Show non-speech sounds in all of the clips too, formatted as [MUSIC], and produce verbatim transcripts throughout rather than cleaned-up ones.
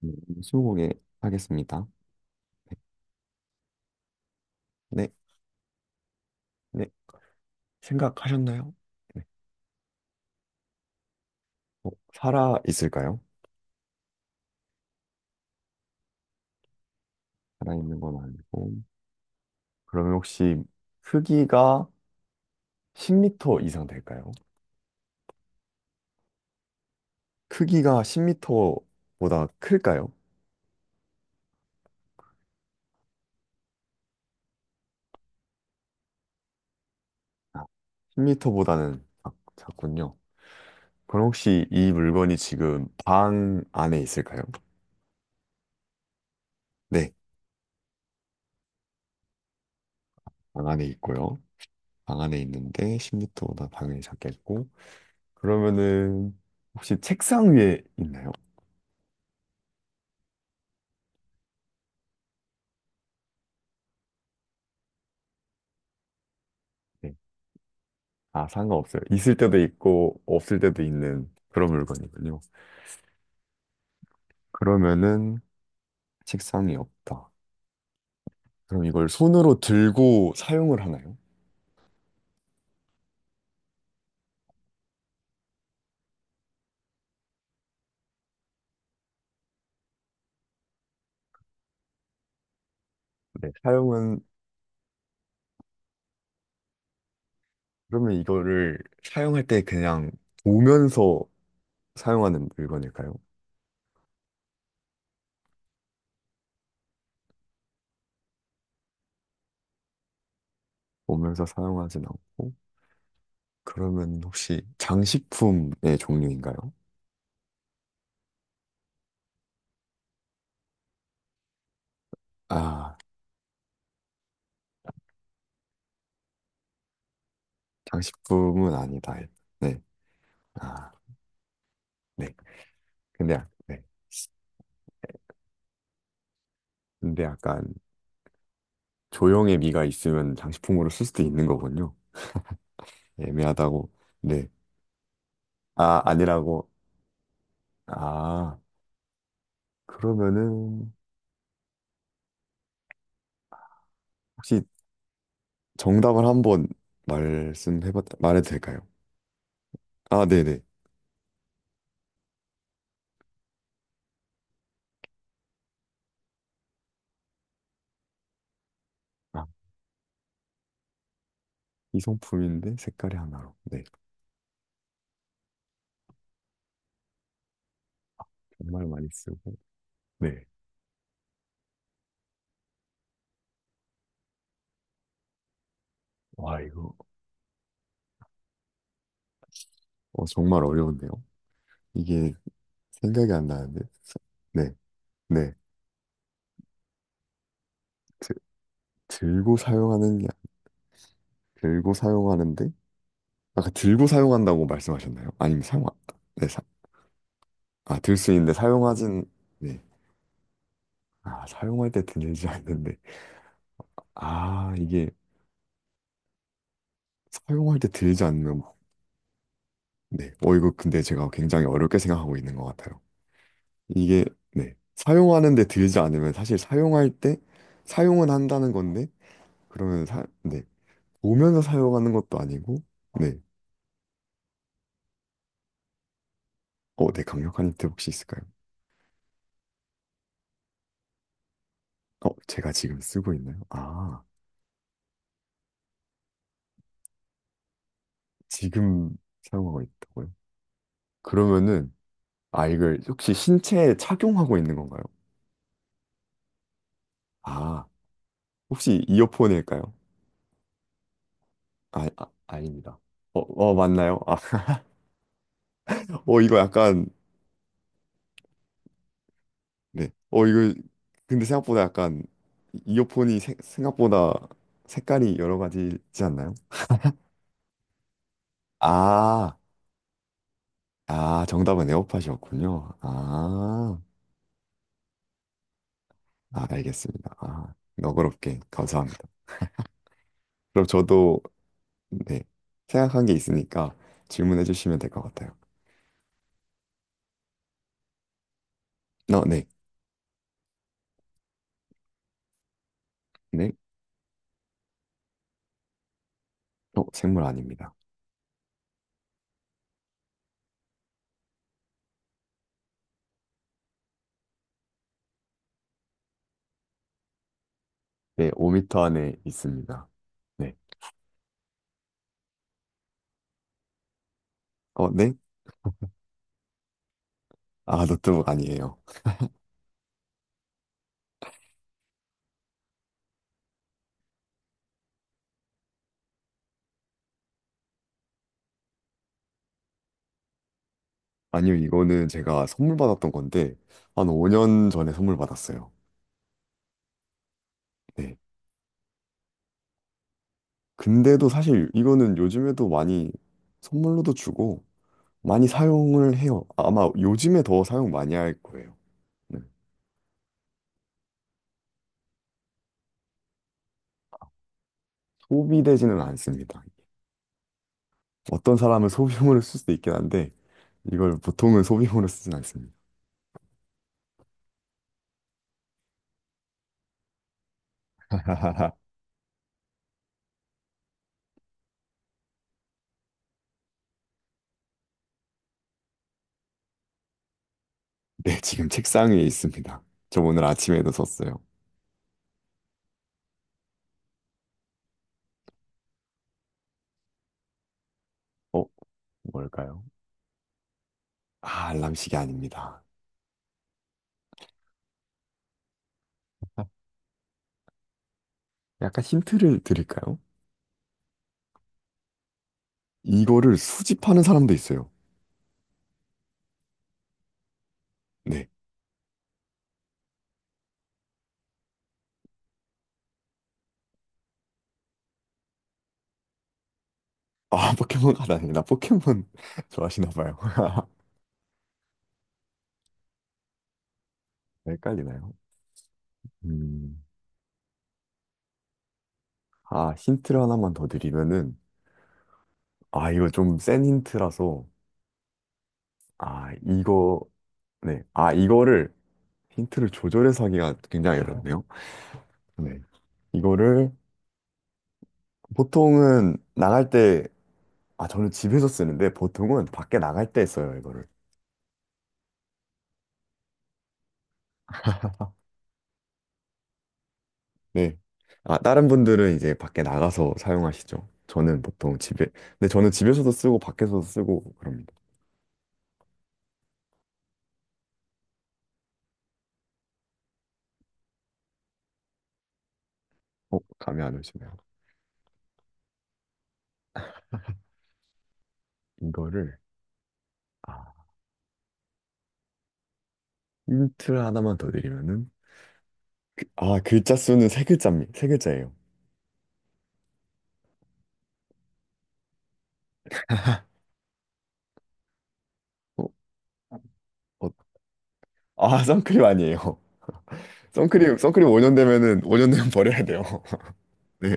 네, 스무고개 하겠습니다. 네, 네, 생각하셨나요? 네. 어, 살아 있을까요? 살아 있는 건 아니고. 그러면 혹시 크기가 십 미터 이상 될까요? 크기가 십 미터보다 클까요? 아, 십 미터보다는 작, 작군요. 그럼 혹시 이 물건이 지금 방 안에 있을까요? 네, 방 안에 있고요. 방 안에 있는데 십 미터보다 당연히 작겠고. 그러면은 혹시 책상 위에 있나요? 네. 아, 상관없어요. 있을 때도 있고, 없을 때도 있는 그런 물건이군요. 그러면은 책상이 없다. 그럼 이걸 손으로 들고 사용을 하나요? 네, 사용은, 그러면 이거를 사용할 때 그냥 보면서 사용하는 물건일까요? 보면서 사용하진 않고, 그러면 혹시 장식품의 종류인가요? 아, 장식품은 아니다. 네. 아, 네. 근데, 아- 네. 근데 약간 조형의 미가 있으면 장식품으로 쓸 수도 있는 거군요. 애매하다고. 네. 아, 아니라고. 아, 그러면은 혹시 정답을 한번 말씀해 봐 말해도 될까요? 아, 네네. 아, 이성품인데 색깔이 하나로. 네. 정말 많이 쓰고. 네. 와, 이거 어, 정말 어려운데요. 이게 생각이 안 나는데. 네. 네. 드- 들고 사용하는 게 들고 사용하는데 아까 들고 사용한다고 말씀하셨나요? 아니면 사용 안- 네, 아, 들 수 있는데 사용하진, 네. 아, 사용할 때 들지 않는데. 아, 이게 사용할 때 들지 않는, 네. 어, 이거 근데 제가 굉장히 어렵게 생각하고 있는 것 같아요. 이게, 네. 사용하는데 들지 않으면 사실 사용할 때 사용은 한다는 건데, 그러면 사, 네. 보면서 사용하는 것도 아니고, 네. 어, 네. 강력한 힌트 혹시 있을까요? 어, 제가 지금 쓰고 있나요? 아, 지금 사용하고 있다고요? 그러면은, 아, 이걸 혹시 신체에 착용하고 있는 건가요? 아. 혹시 이어폰일까요? 아, 아, 아닙니다. 어, 어, 맞나요? 아, [LAUGHS] 어, 이거 약간, 네. 어, 이거, 근데 생각보다 약간, 이어폰이 세- 생각보다 색깔이 여러 가지지 않나요? 아, 아, 정답은 에어팟이었군요. 아, 아, 알겠습니다. 아, 너그럽게 감사합니다. 그럼 저도, 네. 생각한 게 있으니까 질문해 주시면 될 것 같아요. 어, 네. 네. 어, 생물 아닙니다. 네, 오 미터 안에 있습니다. 네. 어, 네. 아, 노트북 아니에요. 아니요, 이거는 제가 선물 받았던 건데, 한 오 년 전에 선물 받았어요. 네. 근데도 사실 이거는 요즘에도 많이 선물로도 주고, 많이 사용을 해요. 아마 요즘에 더 사용 많이 할 거예요. 네. 소비되지는 않습니다. 어떤 사람은 소비용으로 쓸 수도 있긴 한데, 이걸 보통은 소비용으로 쓰진 않습니다. [LAUGHS] 네, 지금 책상 위에 있습니다. 저 오늘 아침에도 썼어요. 어, 뭘까요? 아, 알람시계 아닙니다. 약간 힌트를 드릴까요? 이거를 수집하는 사람도 있어요. 네. 아, 포켓몬 카드 아니라 포켓몬 [LAUGHS] 좋아하시나 봐요. [LAUGHS] 헷갈리나요? 음. 아, 힌트를 하나만 더 드리면은, 아, 이거 좀 센 힌트라서, 아, 이거, 네. 아, 이거를, 힌트를 조절해서 하기가 굉장히 어렵네요. 네. 이거를 보통은 나갈 때, 아, 저는 집에서 쓰는데 보통은 밖에 나갈 때 써요, 네. 아, 다른 분들은 이제 밖에 나가서 사용하시죠. 저는 보통 집에, 근데 저는 집에서도 쓰고 밖에서도 쓰고 그럽니다. 어, 감이 안 오시네요. 이거를, 아, 힌트 하나만 더 드리면은, 그- 아, 글자 수는 세 글자입니다. 세 글자예요. 어, 어, 아, 선크림 아니에요. [LAUGHS] 선크림, 선크림 오 년 되면은, 오 년 되면 버려야 돼요. [LAUGHS] 네.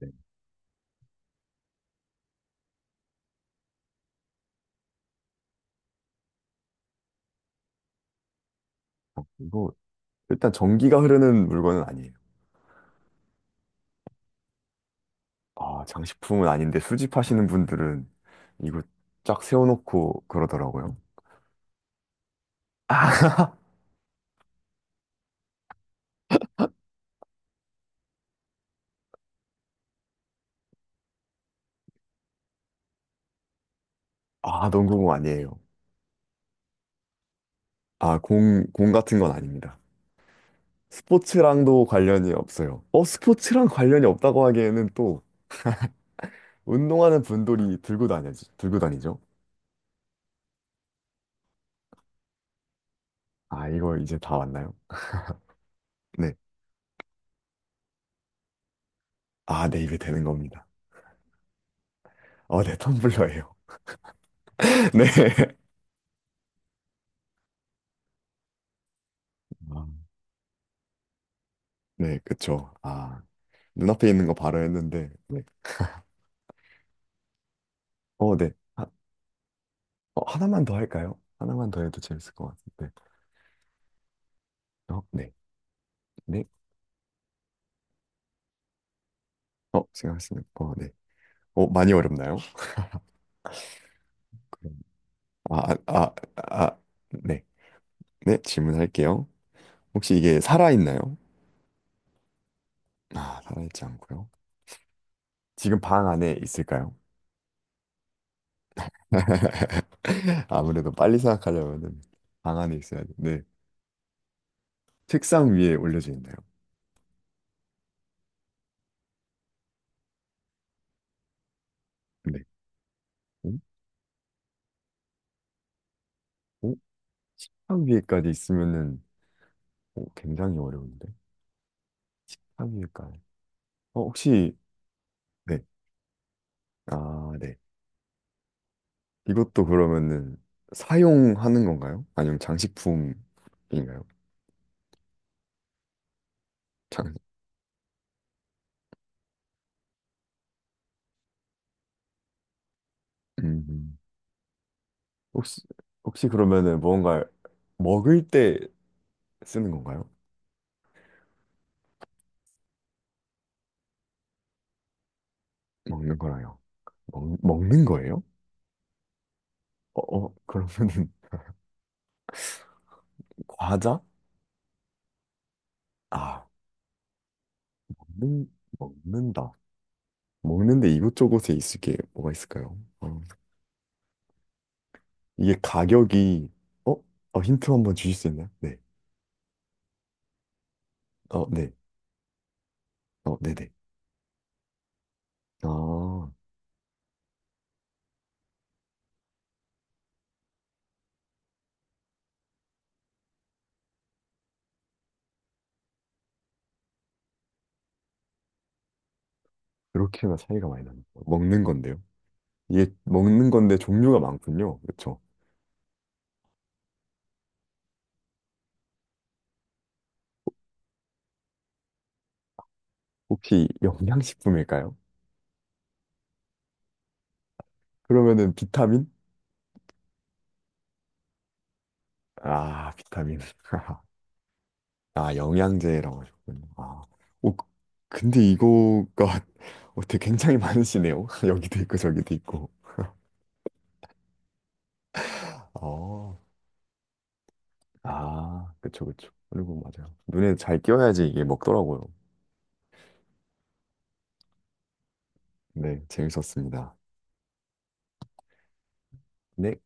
네. 이거, 일단 전기가 흐르는 물건은 아니에요. 아, 장식품은 아닌데 수집하시는 분들은 이거 쫙 세워놓고 그러더라고요. [LAUGHS] 아, 아, 농구공 아니에요. 아, 공, 공 같은 건 아닙니다. 스포츠랑도 관련이 없어요. 어, 스포츠랑 관련이 없다고 하기에는 또 운동하는 분들이 들고 다니지, 들고 다니죠. 아, 이거 이제 다 왔나요? 네. 아, 네, 이게 되는 겁니다. 어, 네, 텀블러예요. [LAUGHS] 네. 아, 네, 그쵸. 아, 눈앞에 있는 거 바로 했는데. 네. 어, 네. 하, 어, 하나만 더 할까요? 하나만 더 해도 재밌을 것 같은데. 어, 네. 네. 어, 생각했습니다. 어, 네. 어, 많이 어렵나요? 아, 아, 아, 네. 네, 질문할게요. 혹시 이게 살아있나요? 아, 살아있지 않고요. 지금 방 안에 있을까요? [LAUGHS] 아무래도 빨리 생각하려면 방 안에 있어야 돼. 네. 책상 위에 올려져 있나요? 네. 어? 어? 책상 위에까지 있으면은 어, 굉장히 어려운데. 책상 위에까지. 어, 혹시 네. 아, 네. 이것도 그러면은 사용하는 건가요? 아니면 장식품인가요? 장, 음. 음. 혹시, 혹시 그러면은 뭔가 먹을 때 쓰는 건가요? 먹는 거라요. 먹, 먹는 거예요? 어, 어, 그러면은 [LAUGHS] 과자? 아, 먹는, 먹는다. 먹는데 이곳저곳에 있을 게 뭐가 있을까요? 어, 이게 가격이, 어? 어, 힌트 한번 주실 수 있나요? 네. 어, 네. 어, 네네. 아, 그렇게나 차이가 많이 나는 거예요. 먹는 건데요. 이게 먹는 건데 종류가 많군요. 그렇죠? 혹시 영양식품일까요? 그러면은 비타민? 아, 비타민. [LAUGHS] 아, 영양제라고 하셨군요. 아, 오, 근데 이거가 [LAUGHS] 어떻게 굉장히 많으시네요. [LAUGHS] 여기도 있고 저기도 있고. [LAUGHS] 어, 아, 그쵸, 그쵸. 그리고 맞아요. 눈에 잘 띄어야지 이게 먹더라고요. 네, 재밌었습니다. 네.